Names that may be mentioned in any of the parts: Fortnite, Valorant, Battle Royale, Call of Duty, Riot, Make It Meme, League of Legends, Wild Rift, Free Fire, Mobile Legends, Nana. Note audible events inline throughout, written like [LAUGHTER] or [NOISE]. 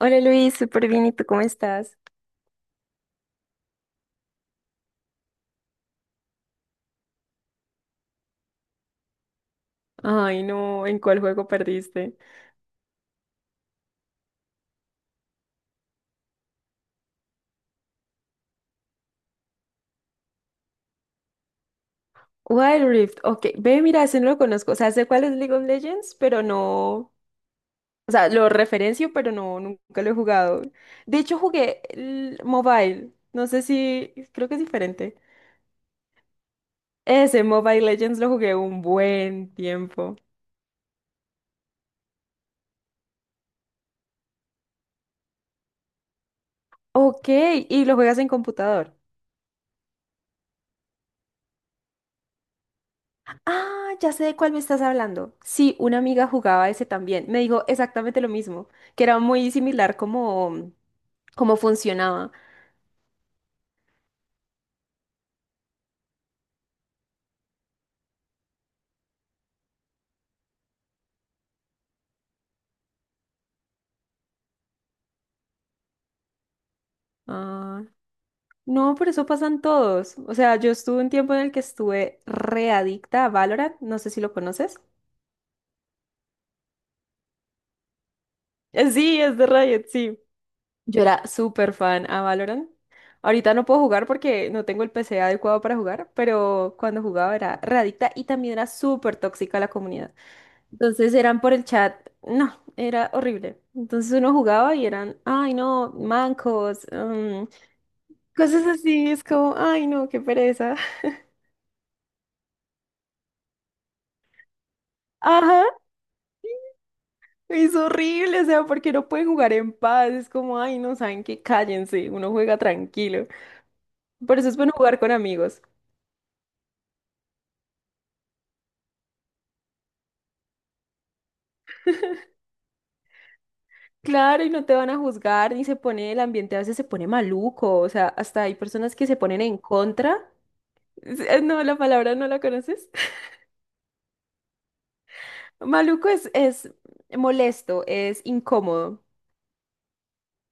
Hola Luis, súper bien, ¿y tú cómo estás? Ay, no, ¿en cuál juego perdiste? Wild Rift, ok, ve, mira, ese no lo conozco, o sea, sé cuál es League of Legends, pero no, o sea, lo referencio, pero no, nunca lo he jugado. De hecho, jugué el mobile, no sé si, creo que es diferente. Ese Mobile Legends lo jugué un buen tiempo. Ok, ¿y lo juegas en computador? Ah, ya sé de cuál me estás hablando. Sí, una amiga jugaba ese también, me dijo exactamente lo mismo, que era muy similar como cómo funcionaba. Ah, no, por eso pasan todos. O sea, yo estuve un tiempo en el que estuve readicta a Valorant. No sé si lo conoces. Sí, es de Riot, sí. Yo era súper fan a Valorant. Ahorita no puedo jugar porque no tengo el PC adecuado para jugar, pero cuando jugaba era readicta y también era súper tóxica la comunidad. Entonces eran por el chat, no, era horrible. Entonces uno jugaba y eran, ay no, mancos. Cosas así, es como, ay no, qué pereza. [LAUGHS] Ajá, es horrible, o sea, porque no pueden jugar en paz, es como, ay no, saben que cállense, uno juega tranquilo. Por eso es bueno jugar con amigos. Claro, y no te van a juzgar, ni se pone, el ambiente a veces se pone maluco, o sea, hasta hay personas que se ponen en contra. [LAUGHS] No, la palabra no la conoces. [LAUGHS] Maluco es molesto, es incómodo.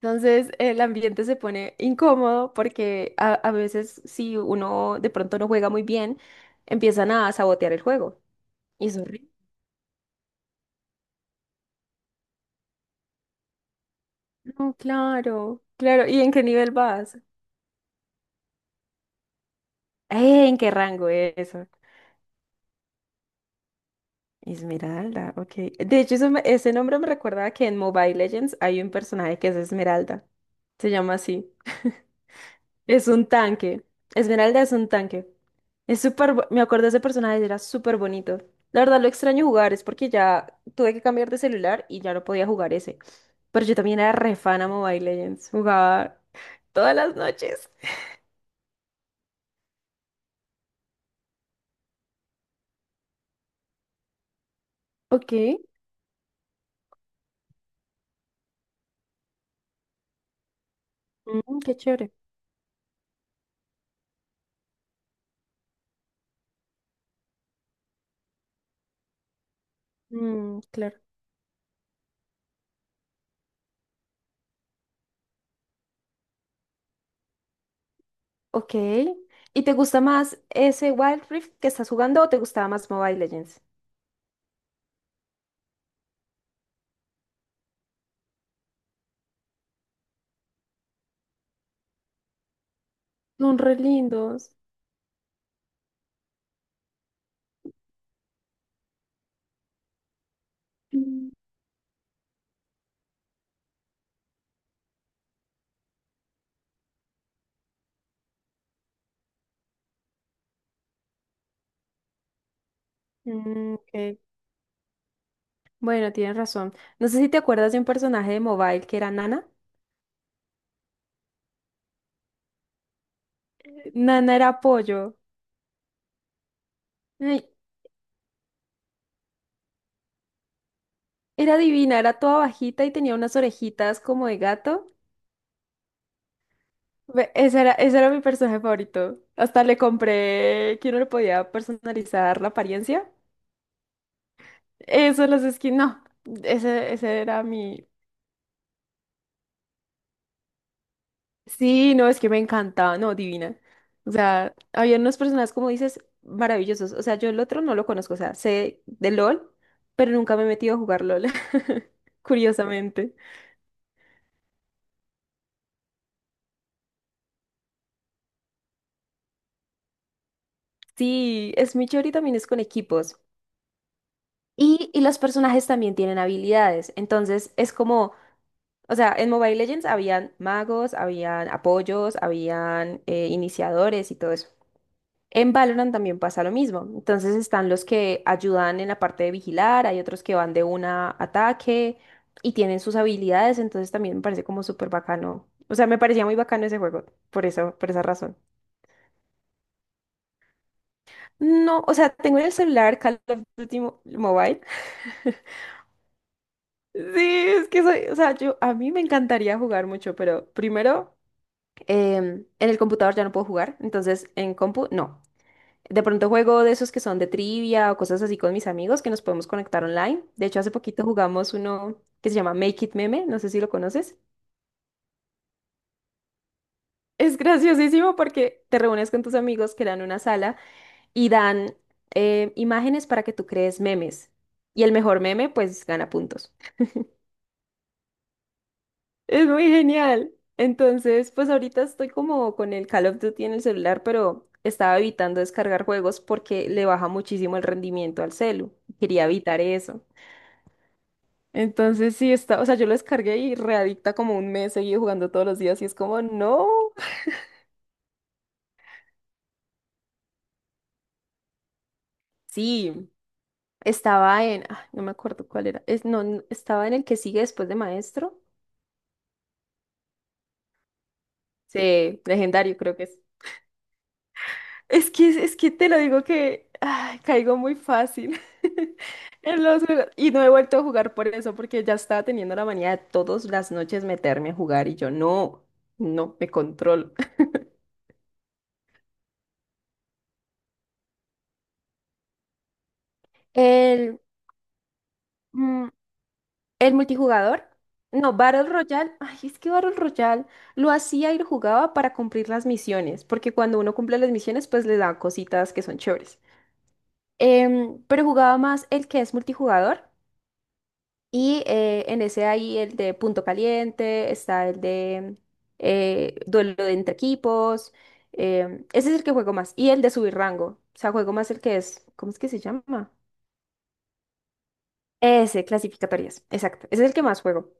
Entonces el ambiente se pone incómodo porque a veces si uno de pronto no juega muy bien, empiezan a sabotear el juego. Y es horrible. No, claro, claro. ¿Y en qué nivel vas? Eh, ¿en qué rango eso? Esmeralda, ok. De hecho, ese nombre me recuerda que en Mobile Legends hay un personaje que es Esmeralda. Se llama así. [LAUGHS] Es un tanque. Esmeralda es un tanque. Es me acuerdo de ese personaje, era súper bonito. La verdad lo extraño jugar, es porque ya tuve que cambiar de celular y ya no podía jugar ese. Pero yo también era re fan a Mobile Legends, jugaba todas las noches. Ok, mm, qué chévere. Mm, claro. Ok. ¿Y te gusta más ese Wild Rift que estás jugando o te gustaba más Mobile Legends? Son re lindos. Mm, mm, ok. Bueno, tienes razón. No sé si te acuerdas de un personaje de Mobile que era Nana. Nana era pollo. Ay, era divina, era toda bajita y tenía unas orejitas como de gato. Ve, ese era mi personaje favorito. Hasta le compré que uno le podía personalizar la apariencia. Eso, los skins, no. Ese, ese era mi, Sí, no, es que me encantaba, no, divina. O sea, había unos personajes, como dices, maravillosos. O sea, yo el otro no lo conozco, o sea, sé de LOL, pero nunca me he metido a jugar LOL, [LAUGHS] curiosamente. Sí, es muy chévere y también es con equipos. Y los personajes también tienen habilidades, entonces es como, o sea, en Mobile Legends habían magos, habían apoyos, habían iniciadores y todo eso. En Valorant también pasa lo mismo. Entonces están los que ayudan en la parte de vigilar, hay otros que van de una a ataque y tienen sus habilidades, entonces también me parece como súper bacano. O sea, me parecía muy bacano ese juego, por eso, por esa razón. No, o sea, tengo en el celular Call of Duty Mobile. [LAUGHS] Sí, es que soy, o sea, yo a mí me encantaría jugar mucho, pero primero en el computador ya no puedo jugar, entonces en compu no. De pronto juego de esos que son de trivia o cosas así con mis amigos que nos podemos conectar online. De hecho, hace poquito jugamos uno que se llama Make It Meme, no sé si lo conoces. Es graciosísimo porque te reúnes con tus amigos que dan una sala y dan imágenes para que tú crees memes. Y el mejor meme, pues, gana puntos. Es muy genial. Entonces, pues ahorita estoy como con el Call of Duty en el celular, pero estaba evitando descargar juegos porque le baja muchísimo el rendimiento al celu. Quería evitar eso. Entonces sí está, o sea, yo lo descargué y readicta como un mes seguí jugando todos los días y es como, no. Sí, estaba en, ah, no me acuerdo cuál era, es, no, n- estaba en el que sigue después de Maestro. Sí, legendario creo que es. Es que te lo digo que ay, caigo muy fácil [LAUGHS] en los juegos y no he vuelto a jugar por eso porque ya estaba teniendo la manía de todas las noches meterme a jugar y yo no, no me controlo. [LAUGHS] El, El multijugador, no, Battle Royale, ay, es que Battle Royale lo hacía y lo jugaba para cumplir las misiones, porque cuando uno cumple las misiones, pues le dan cositas que son chéveres. Pero jugaba más el que es multijugador, y en ese hay el de punto caliente, está el de duelo de entre equipos, ese es el que juego más, y el de subir rango, o sea, juego más el que es, ¿cómo es que se llama? Ese, clasificatorias, exacto, ese es el que más juego.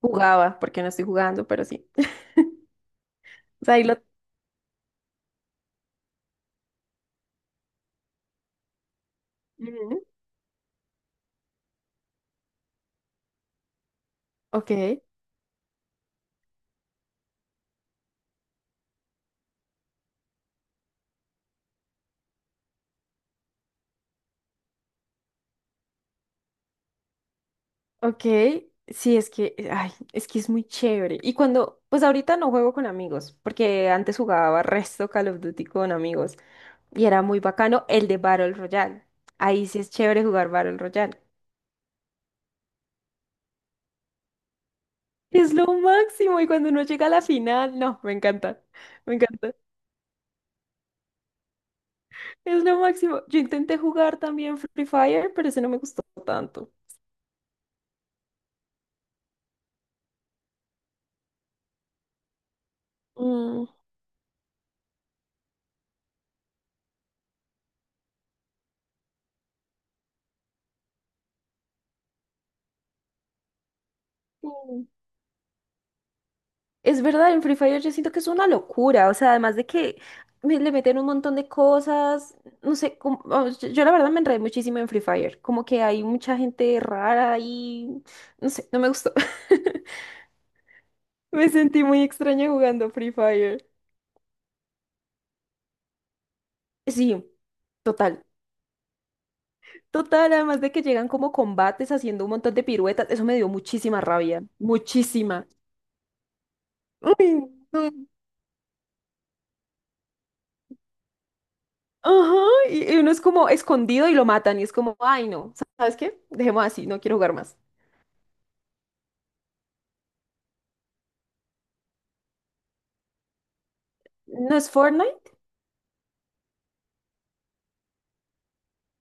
Jugaba, porque no estoy jugando, pero sí. O sea, ahí lo... Ujú. Ok, ok. Sí, es que, ay, es que es muy chévere. Y cuando, pues ahorita no juego con amigos, porque antes jugaba resto Call of Duty con amigos y era muy bacano el de Battle Royale. Ahí sí es chévere jugar Battle Royale. Es lo máximo y cuando uno llega a la final, no, me encanta, me encanta. Es lo máximo. Yo intenté jugar también Free Fire, pero ese no me gustó tanto. Mm. Es verdad, en Free Fire yo siento que es una locura, o sea, además de que le meten un montón de cosas, no sé, como oh, yo la verdad me enredé muchísimo en Free Fire, como que hay mucha gente rara y no sé, no me gustó. [LAUGHS] Me sentí muy extraña jugando Free Fire. Sí, total, total, además de que llegan como combates haciendo un montón de piruetas, eso me dio muchísima rabia, muchísima. Uy, no. Ajá, y uno es como escondido y lo matan y es como, ay no, ¿sabes qué? Dejemos así, no quiero jugar más. ¿No es Fortnite?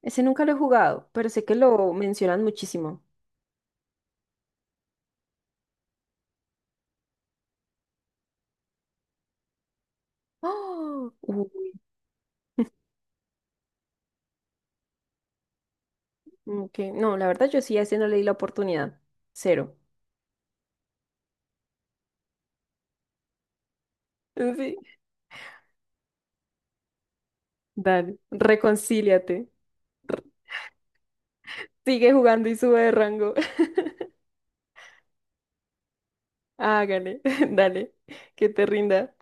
Ese nunca lo he jugado, pero sé que lo mencionan muchísimo. ¡Ah! Uy, mm, ok. No, la verdad yo sí a ese no le di la oportunidad. Cero. [LAUGHS] Sí, dale, reconcíliate. Sigue jugando y sube de rango. [LAUGHS] Hágale, [LAUGHS] dale, que te rinda.